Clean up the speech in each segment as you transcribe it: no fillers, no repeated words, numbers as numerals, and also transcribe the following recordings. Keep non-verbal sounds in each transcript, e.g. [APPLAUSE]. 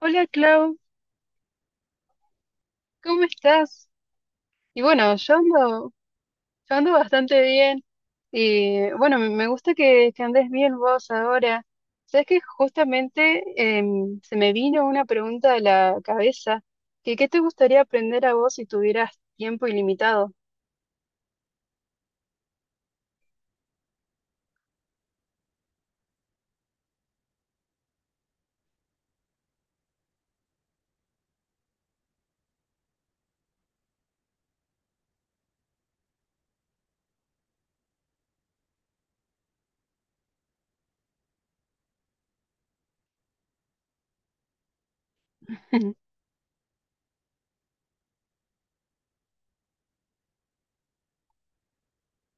Hola Clau, ¿cómo estás? Y bueno, yo ando bastante bien. Y bueno, me gusta que andes bien vos ahora. Sabes que justamente se me vino una pregunta a la cabeza, que ¿qué te gustaría aprender a vos si tuvieras tiempo ilimitado? [LAUGHS]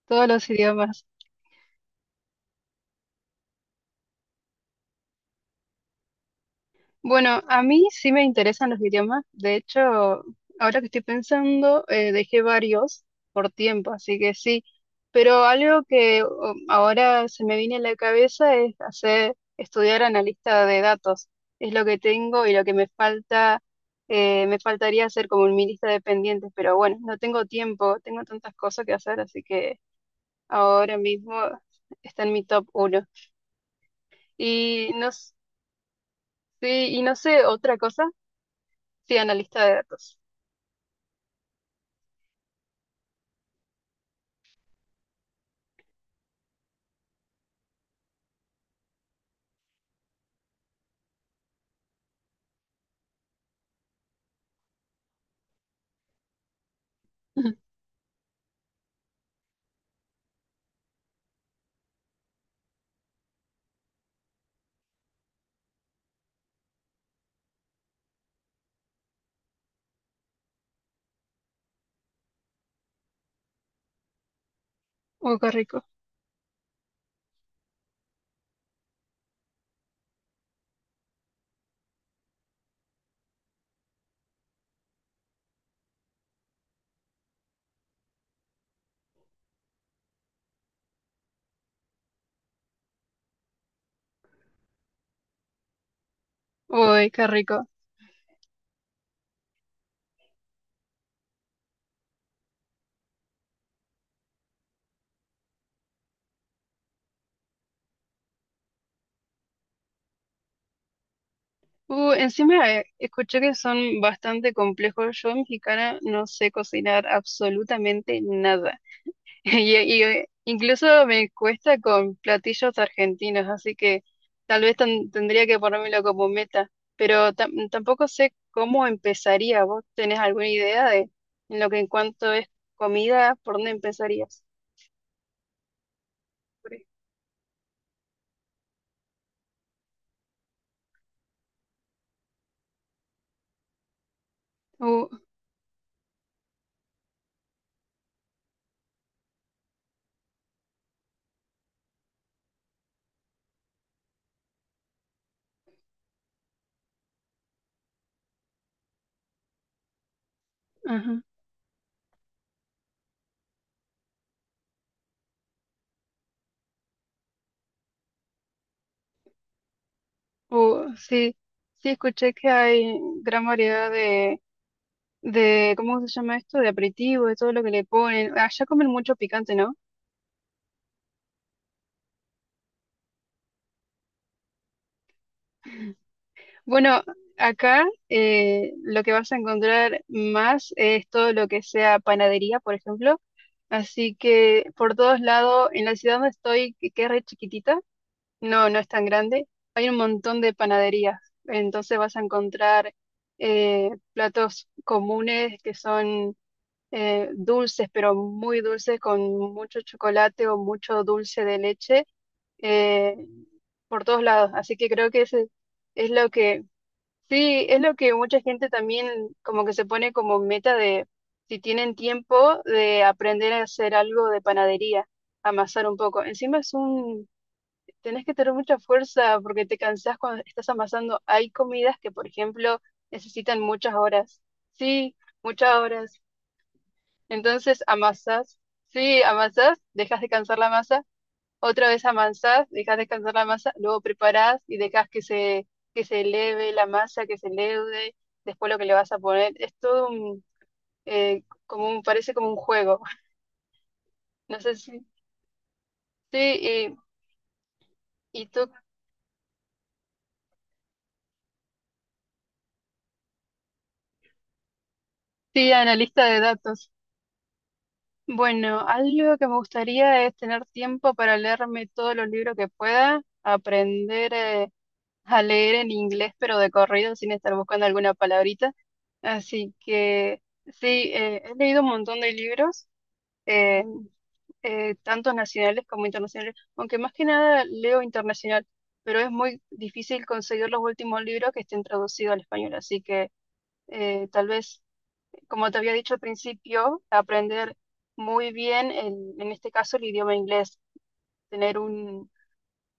Todos los idiomas. Bueno, a mí sí me interesan los idiomas. De hecho, ahora que estoy pensando, dejé varios por tiempo, así que sí. Pero algo que ahora se me viene a la cabeza es estudiar analista de datos. Es lo que tengo y lo que me falta, me faltaría hacer como en mi lista de pendientes. Pero bueno, no tengo tiempo, tengo tantas cosas que hacer, así que ahora mismo está en mi top uno. Y no, sí, y no sé, otra cosa. Sí, analista de datos. [LAUGHS] Ujú. Uy, qué rico. Uy, qué rico. Encima escuché que son bastante complejos. Yo, mexicana, no sé cocinar absolutamente nada. [LAUGHS] Incluso me cuesta con platillos argentinos, así que tal vez tendría que ponérmelo como meta. Pero tampoco sé cómo empezaría. ¿Vos tenés alguna idea de en lo que en cuanto es comida, por dónde empezarías? Por ahí. Uh, ajá. Sí, sí escuché que hay gran variedad de, ¿cómo se llama esto? De aperitivo, de todo lo que le ponen. Allá comen mucho picante, ¿no? Bueno, acá lo que vas a encontrar más es todo lo que sea panadería, por ejemplo. Así que por todos lados, en la ciudad donde estoy, que es re chiquitita, no, no es tan grande, hay un montón de panaderías. Entonces vas a encontrar platos comunes que son dulces, pero muy dulces, con mucho chocolate o mucho dulce de leche eh, por todos lados. Así que creo que ese es lo sí, es lo que mucha gente también como que se pone como meta de, si tienen tiempo, de aprender a hacer algo de panadería, amasar un poco. Encima es tenés que tener mucha fuerza porque te cansás cuando estás amasando. Hay comidas que, por ejemplo, necesitan muchas horas. Sí, muchas horas. Entonces amasás, sí, amasás, dejas descansar la masa, otra vez amasás, dejas descansar la masa, luego preparás y dejas que que se eleve la masa, que se leude, después lo que le vas a poner, es todo como un, parece como un juego, [LAUGHS] no sé si, sí, y tú, sí, analista de datos. Bueno, algo que me gustaría es tener tiempo para leerme todos los libros que pueda, aprender. A leer en inglés, pero de corrido, sin estar buscando alguna palabrita. Así que sí, he leído un montón de libros, eh, tanto nacionales como internacionales, aunque más que nada leo internacional, pero es muy difícil conseguir los últimos libros que estén traducidos al español. Así que tal vez, como te había dicho al principio, aprender muy bien, en este caso, el idioma inglés, tener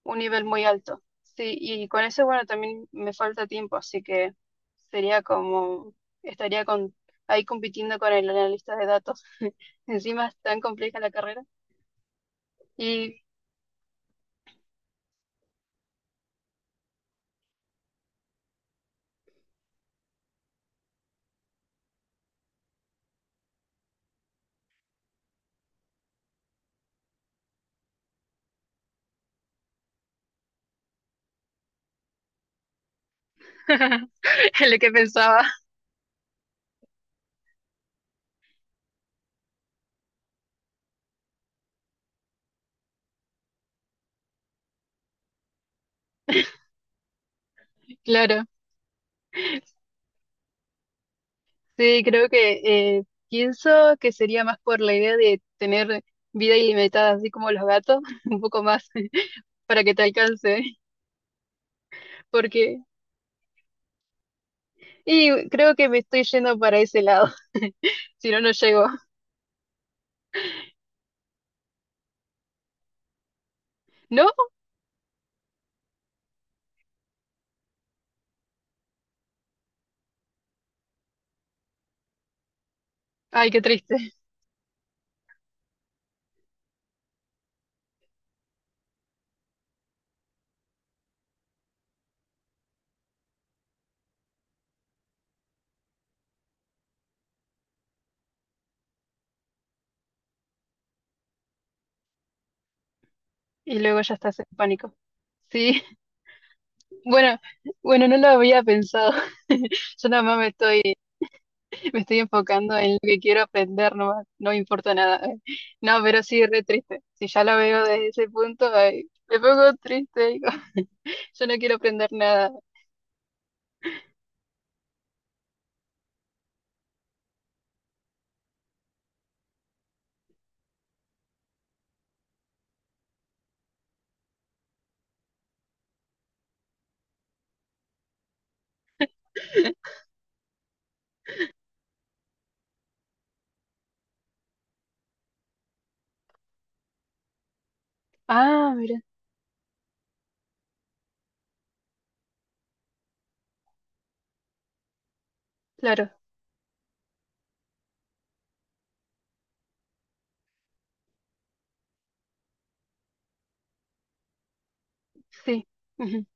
un nivel muy alto. Sí, y con eso, bueno, también me falta tiempo, así que sería como, estaría con, ahí compitiendo con el analista de datos. [LAUGHS] Encima es tan compleja la carrera. Y [LAUGHS] en lo que pensaba, [LAUGHS] claro, sí, creo que eh, pienso que sería más por la idea de tener vida ilimitada, así como los gatos, [LAUGHS] un poco más [LAUGHS] para que te alcance, [LAUGHS] porque, y creo que me estoy yendo para ese lado, [LAUGHS] si no, no llego. ¿No? Ay, qué triste. Y luego ya estás en pánico. Sí, [LAUGHS] bueno, bueno, no lo había pensado. [LAUGHS] Yo nada más me estoy enfocando en lo que quiero aprender, no, no me importa nada. [LAUGHS] No, pero sí, re triste. Si ya lo veo desde ese punto, ay, me pongo triste. Digo, [LAUGHS] yo no quiero aprender nada. [LAUGHS] Ah, mira, claro, sí. Ujú.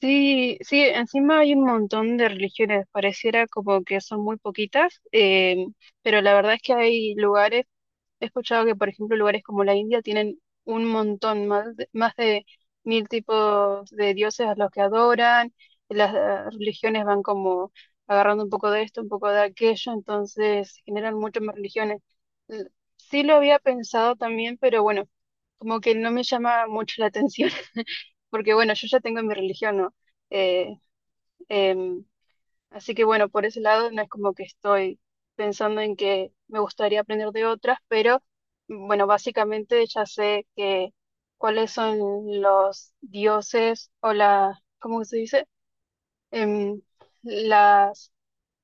Sí, sí, encima hay un montón de religiones, pareciera como que son muy poquitas, pero la verdad es que hay lugares. He escuchado que, por ejemplo, lugares como la India tienen un montón, más de mil tipos de dioses a los que adoran, las religiones van como agarrando un poco de esto, un poco de aquello, entonces generan muchas más religiones. L- Sí lo había pensado también, pero bueno, como que no me llama mucho la atención, [LAUGHS] porque bueno, yo ya tengo mi religión, ¿no? Eh, em, Así que bueno, por ese lado no es como que estoy pensando en que me gustaría aprender de otras, pero bueno, básicamente ya sé que cuáles son los dioses o la, ¿cómo se dice? Em, las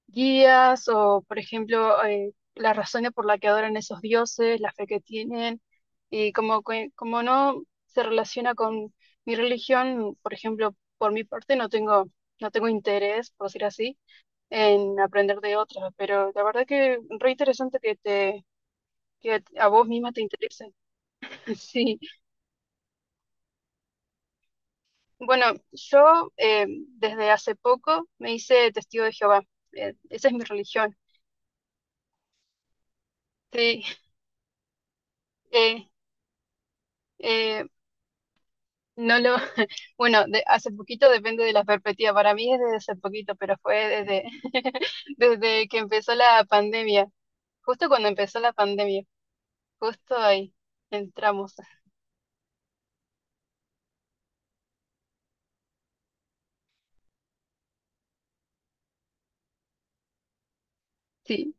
guías o, por ejemplo, las razones por las que adoran esos dioses, la fe que tienen y como, como no se relaciona con mi religión, por ejemplo, por mi parte no tengo interés, por decir así en aprender de otras, pero la verdad que re interesante que a vos misma te interese. [LAUGHS] Sí, bueno, yo desde hace poco me hice testigo de Jehová. Esa es mi religión. Sí, [LAUGHS] eh, eh, no lo, [LAUGHS] bueno, de, hace poquito depende de la perspectiva. Para mí es desde hace poquito, pero fue desde, [LAUGHS] desde que empezó la pandemia. Justo cuando empezó la pandemia, justo ahí entramos. Sí.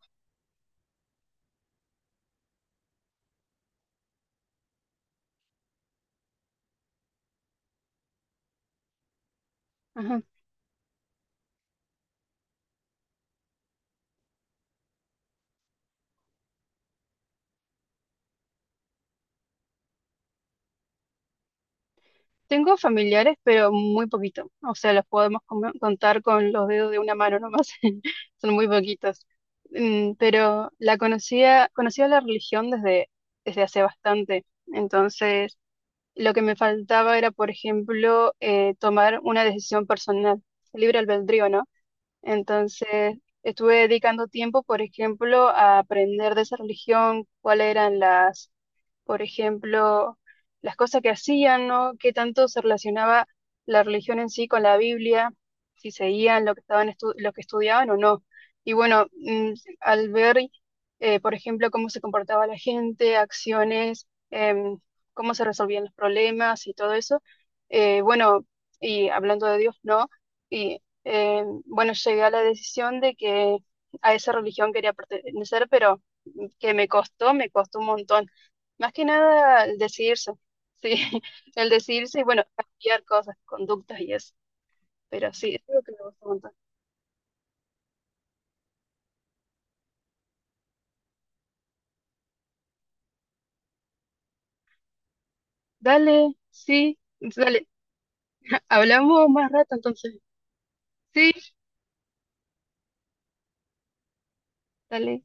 Tengo familiares, pero muy poquito. O sea, los podemos contar con los dedos de una mano nomás. [LAUGHS] Son muy poquitos. Mm, pero la conocía, conocía la religión desde, desde hace bastante. Entonces, lo que me faltaba era, por ejemplo, tomar una decisión personal, libre albedrío, ¿no? Entonces, estuve dedicando tiempo, por ejemplo, a aprender de esa religión, cuáles eran las por ejemplo, las cosas que hacían, ¿no? Qué tanto se relacionaba la religión en sí con la Biblia, si seguían lo que estaban lo que estudiaban o no. Y bueno, mm, al ver, por ejemplo, cómo se comportaba la gente, acciones, cómo se resolvían los problemas y todo eso, bueno, y hablando de Dios, ¿no? Y bueno, llegué a la decisión de que a esa religión quería pertenecer, pero mm, que me costó un montón. Más que nada el decidirse, sí, [LAUGHS] el decidirse y bueno, cambiar cosas, conductas y eso. Pero sí, es algo que me gusta un montón. Dale, sí, dale, hablamos más rato entonces. Sí, dale.